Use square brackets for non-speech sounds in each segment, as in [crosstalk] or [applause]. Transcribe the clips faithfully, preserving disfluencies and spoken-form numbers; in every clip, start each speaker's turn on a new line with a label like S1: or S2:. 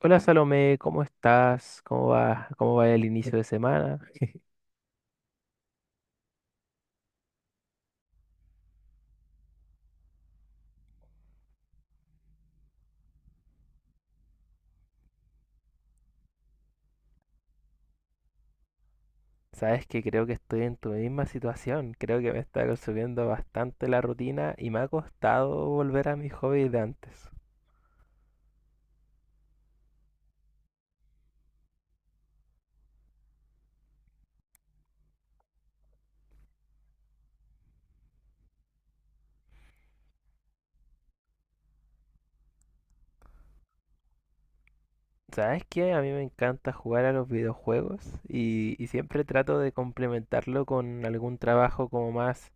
S1: Hola Salomé, ¿cómo estás? ¿Cómo va? ¿Cómo va el inicio de semana? Sabes que creo que estoy en tu misma situación. Creo que me está consumiendo bastante la rutina y me ha costado volver a mis hobbies de antes. ¿Sabes qué? A mí me encanta jugar a los videojuegos y, y siempre trato de complementarlo con algún trabajo como más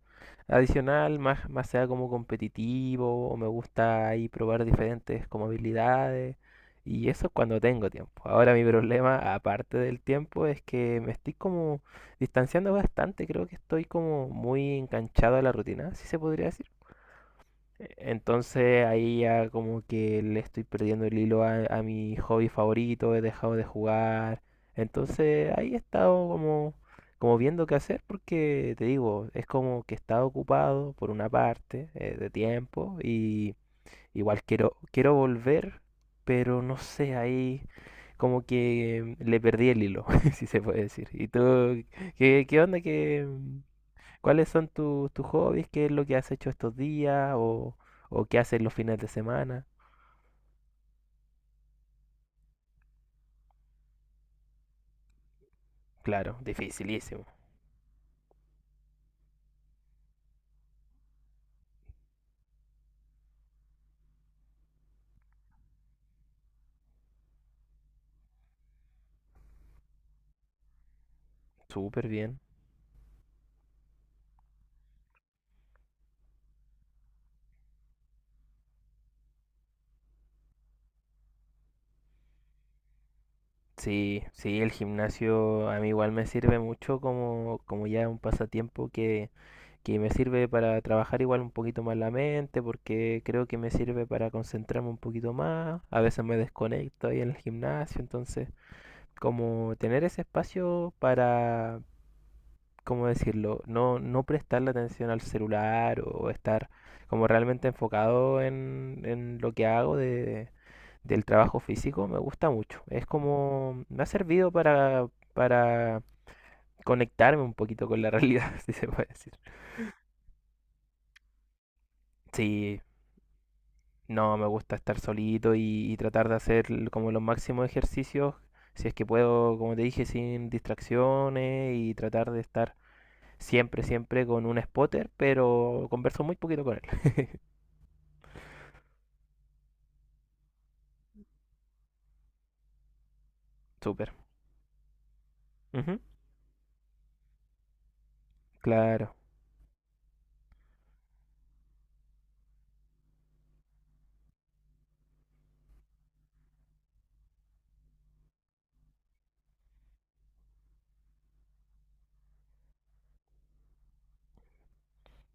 S1: adicional, más, más sea como competitivo, o me gusta ahí probar diferentes como habilidades y eso cuando tengo tiempo. Ahora mi problema, aparte del tiempo, es que me estoy como distanciando bastante, creo que estoy como muy enganchado a la rutina, si se podría decir. Entonces ahí ya como que le estoy perdiendo el hilo a, a mi hobby favorito, he dejado de jugar. Entonces ahí he estado como, como viendo qué hacer porque te digo, es como que he estado ocupado por una parte eh, de tiempo y igual quiero, quiero volver, pero no sé, ahí como que le perdí el hilo, [laughs] si se puede decir. ¿Y tú qué, qué onda que... ¿Cuáles son tus tus hobbies? ¿Qué es lo que has hecho estos días? ¿O, o qué haces los fines de semana? Claro, dificilísimo. Súper bien. Sí, sí, el gimnasio a mí igual me sirve mucho como, como ya un pasatiempo que, que me sirve para trabajar igual un poquito más la mente, porque creo que me sirve para concentrarme un poquito más. A veces me desconecto ahí en el gimnasio, entonces como tener ese espacio para, ¿cómo decirlo? No, no prestarle atención al celular o estar como realmente enfocado en, en lo que hago de, del trabajo físico, me gusta mucho. Es como, me ha servido para, para conectarme un poquito con la realidad, [laughs] si se puede decir. Sí, no, me gusta estar solito y, y tratar de hacer l- como los máximos ejercicios, si es que puedo, como te dije, sin distracciones y tratar de estar siempre, siempre con un spotter, pero converso muy poquito con él. Súper. Ujú. Claro.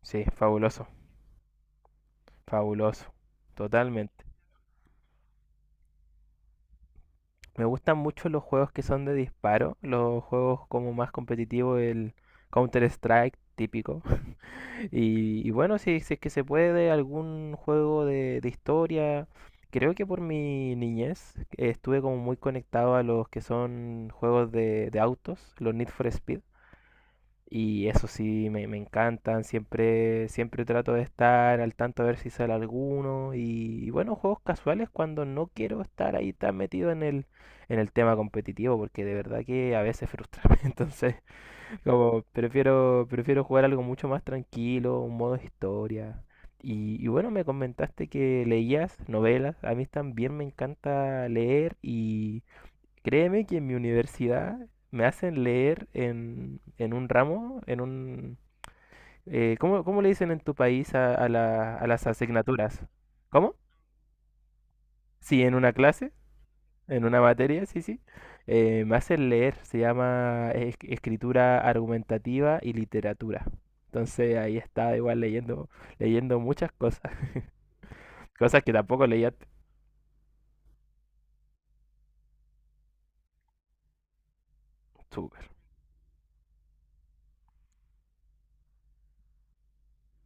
S1: Sí, fabuloso, fabuloso, totalmente. Me gustan mucho los juegos que son de disparo, los juegos como más competitivos, el Counter-Strike típico. [laughs] Y, y bueno, si, si es que se puede, algún juego de, de historia. Creo que por mi niñez eh, estuve como muy conectado a los que son juegos de, de autos, los Need for Speed. Y eso sí, me, me encantan. Siempre, siempre trato de estar al tanto a ver si sale alguno. Y, y bueno, juegos casuales cuando no quiero estar ahí tan metido en el, en el tema competitivo, porque de verdad que a veces frustra. [laughs] Entonces, como prefiero, prefiero jugar algo mucho más tranquilo, un modo historia. Y, y bueno, me comentaste que leías novelas. A mí también me encanta leer. Créeme que en mi universidad me hacen leer en, en un ramo, en un... eh, ¿cómo, cómo le dicen en tu país a, a la- a las asignaturas? ¿Cómo? Sí, en una clase, en una materia, sí, sí. Eh, me hacen leer, se llama es- escritura argumentativa y literatura. Entonces ahí estaba igual leyendo, leyendo muchas cosas, [laughs] cosas que tampoco leía antes. Súper.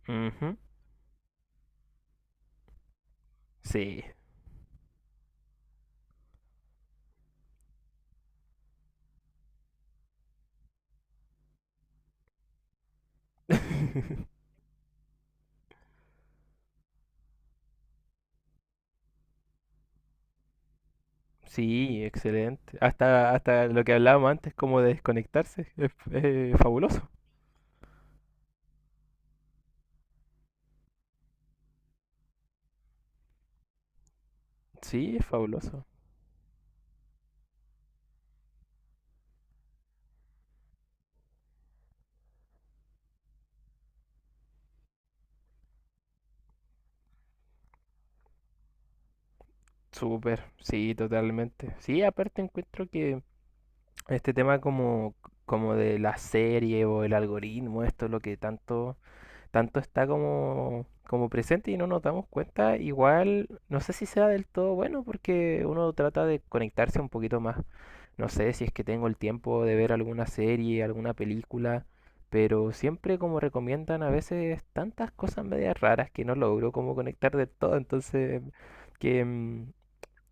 S1: Ujú. Sí. [laughs] Sí, excelente. Hasta, hasta lo que hablábamos antes, como de desconectarse, es, es fabuloso. Sí, es fabuloso. Súper, sí, totalmente. Sí, aparte encuentro que este tema como, como de la serie o el algoritmo, esto es lo que tanto, tanto está como, como presente y no nos damos cuenta, igual no sé si sea del todo bueno porque uno trata de conectarse un poquito más. No sé si es que tengo el tiempo de ver alguna serie, alguna película, pero siempre como recomiendan a veces tantas cosas medias raras que no logro como conectar del todo, entonces que mm,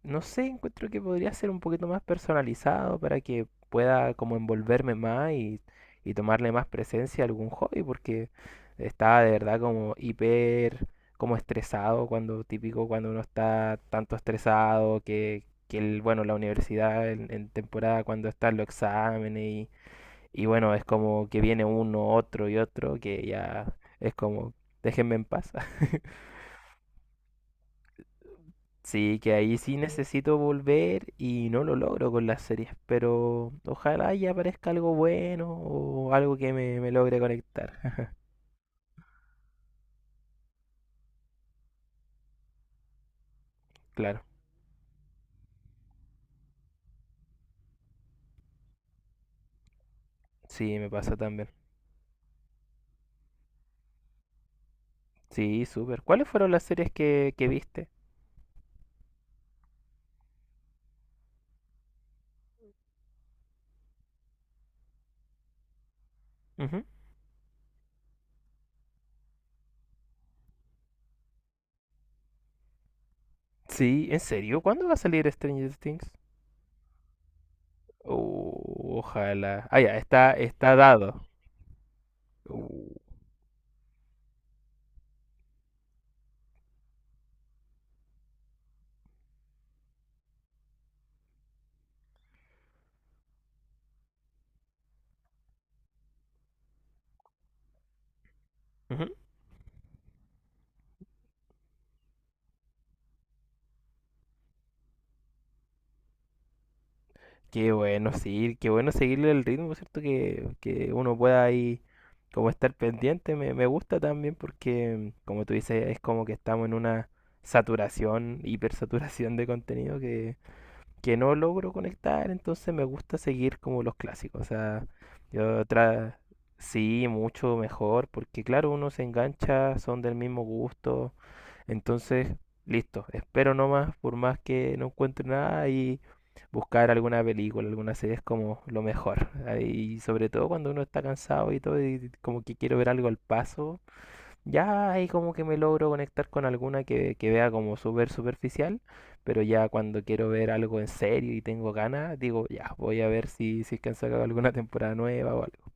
S1: no sé, encuentro que podría ser un poquito más personalizado para que pueda como envolverme más y, y tomarle más presencia a algún hobby, porque estaba de verdad como hiper, como estresado, cuando típico cuando uno está tanto estresado que, que el, bueno, la universidad en, en temporada cuando están los exámenes y, y bueno, es como que viene uno, otro y otro, que ya es como, déjenme en paz. [laughs] Sí, que ahí sí necesito volver y no lo logro con las series, pero ojalá y aparezca algo bueno o algo que me, me logre conectar. [laughs] Claro, sí, me pasa también. Sí, súper. ¿Cuáles fueron las series que, que viste? Ujú. Sí, ¿en serio? ¿Cuándo va a salir Stranger Things? Oh, ojalá. Ah, ya, está, está dado. Uh. Ujú. Qué bueno, sí, qué bueno seguirle el ritmo, ¿cierto? Que, que uno pueda ahí como estar pendiente me, me gusta también porque, como tú dices, es como que estamos en una saturación, hipersaturación de contenido que, que no logro conectar, entonces me gusta seguir como los clásicos. O sea, yo tra sí, mucho mejor, porque claro, uno se engancha, son del mismo gusto, entonces, listo, espero nomás, por más que no encuentre nada y buscar alguna película, alguna serie es como lo mejor. Ah, y sobre todo cuando uno está cansado y todo, y como que quiero ver algo al paso, ya ahí como que me logro conectar con alguna que, que vea como súper superficial, pero ya cuando quiero ver algo en serio y tengo ganas, digo, ya, voy a ver si, si es que han sacado alguna temporada nueva o algo.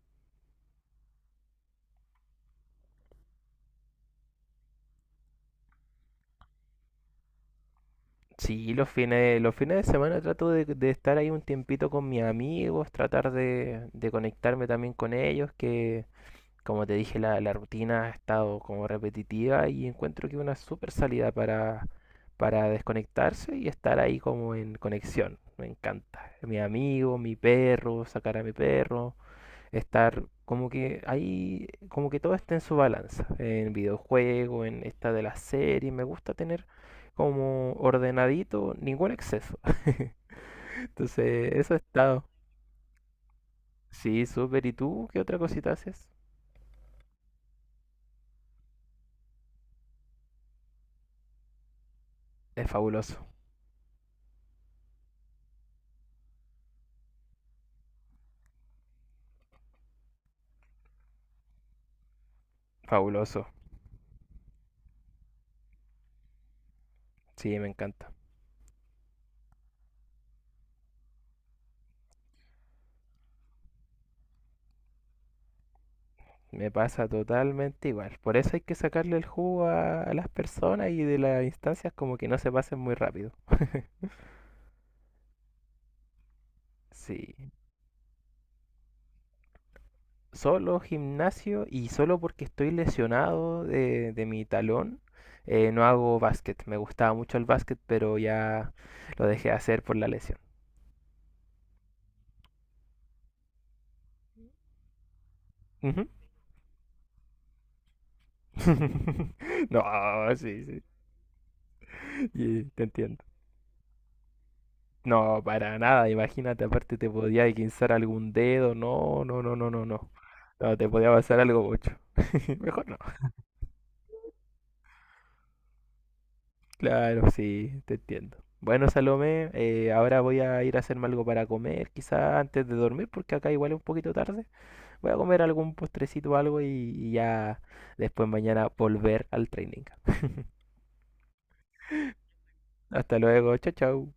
S1: Sí, los fines, los fines de semana trato de, de estar ahí un tiempito con mis amigos, tratar de, de conectarme también con ellos, que como te dije, la, la rutina ha estado como repetitiva y encuentro que una super salida para, para desconectarse y estar ahí como en conexión. Me encanta. Mi amigo, mi perro, sacar a mi perro, estar como que ahí, como que todo esté en su balanza, en videojuego, en esta de la serie, me gusta tener como ordenadito, ningún exceso. [laughs] Entonces, eso he estado. Sí, súper. ¿Y tú qué otra cosita haces? Es fabuloso, fabuloso. Sí, me encanta. Me pasa totalmente igual. Por eso hay que sacarle el jugo a, a las personas y de las instancias como que no se pasen muy rápido. Sí. Solo gimnasio y solo porque estoy lesionado de, de mi talón, eh, no hago básquet. Me gustaba mucho el básquet, pero ya lo dejé de hacer por la lesión. Ujú. [laughs] No, sí, sí, y te entiendo. No, para nada, imagínate, aparte te podía guinzar algún dedo, no, no, no, no, no, no. No, te podía pasar algo mucho. [laughs] Mejor no. Claro, sí, te entiendo. Bueno, Salomé, eh, ahora voy a ir a hacerme algo para comer, quizá antes de dormir, porque acá igual es un poquito tarde. Voy a comer algún postrecito o algo y, y ya después mañana volver al training. Hasta luego, chao, chao.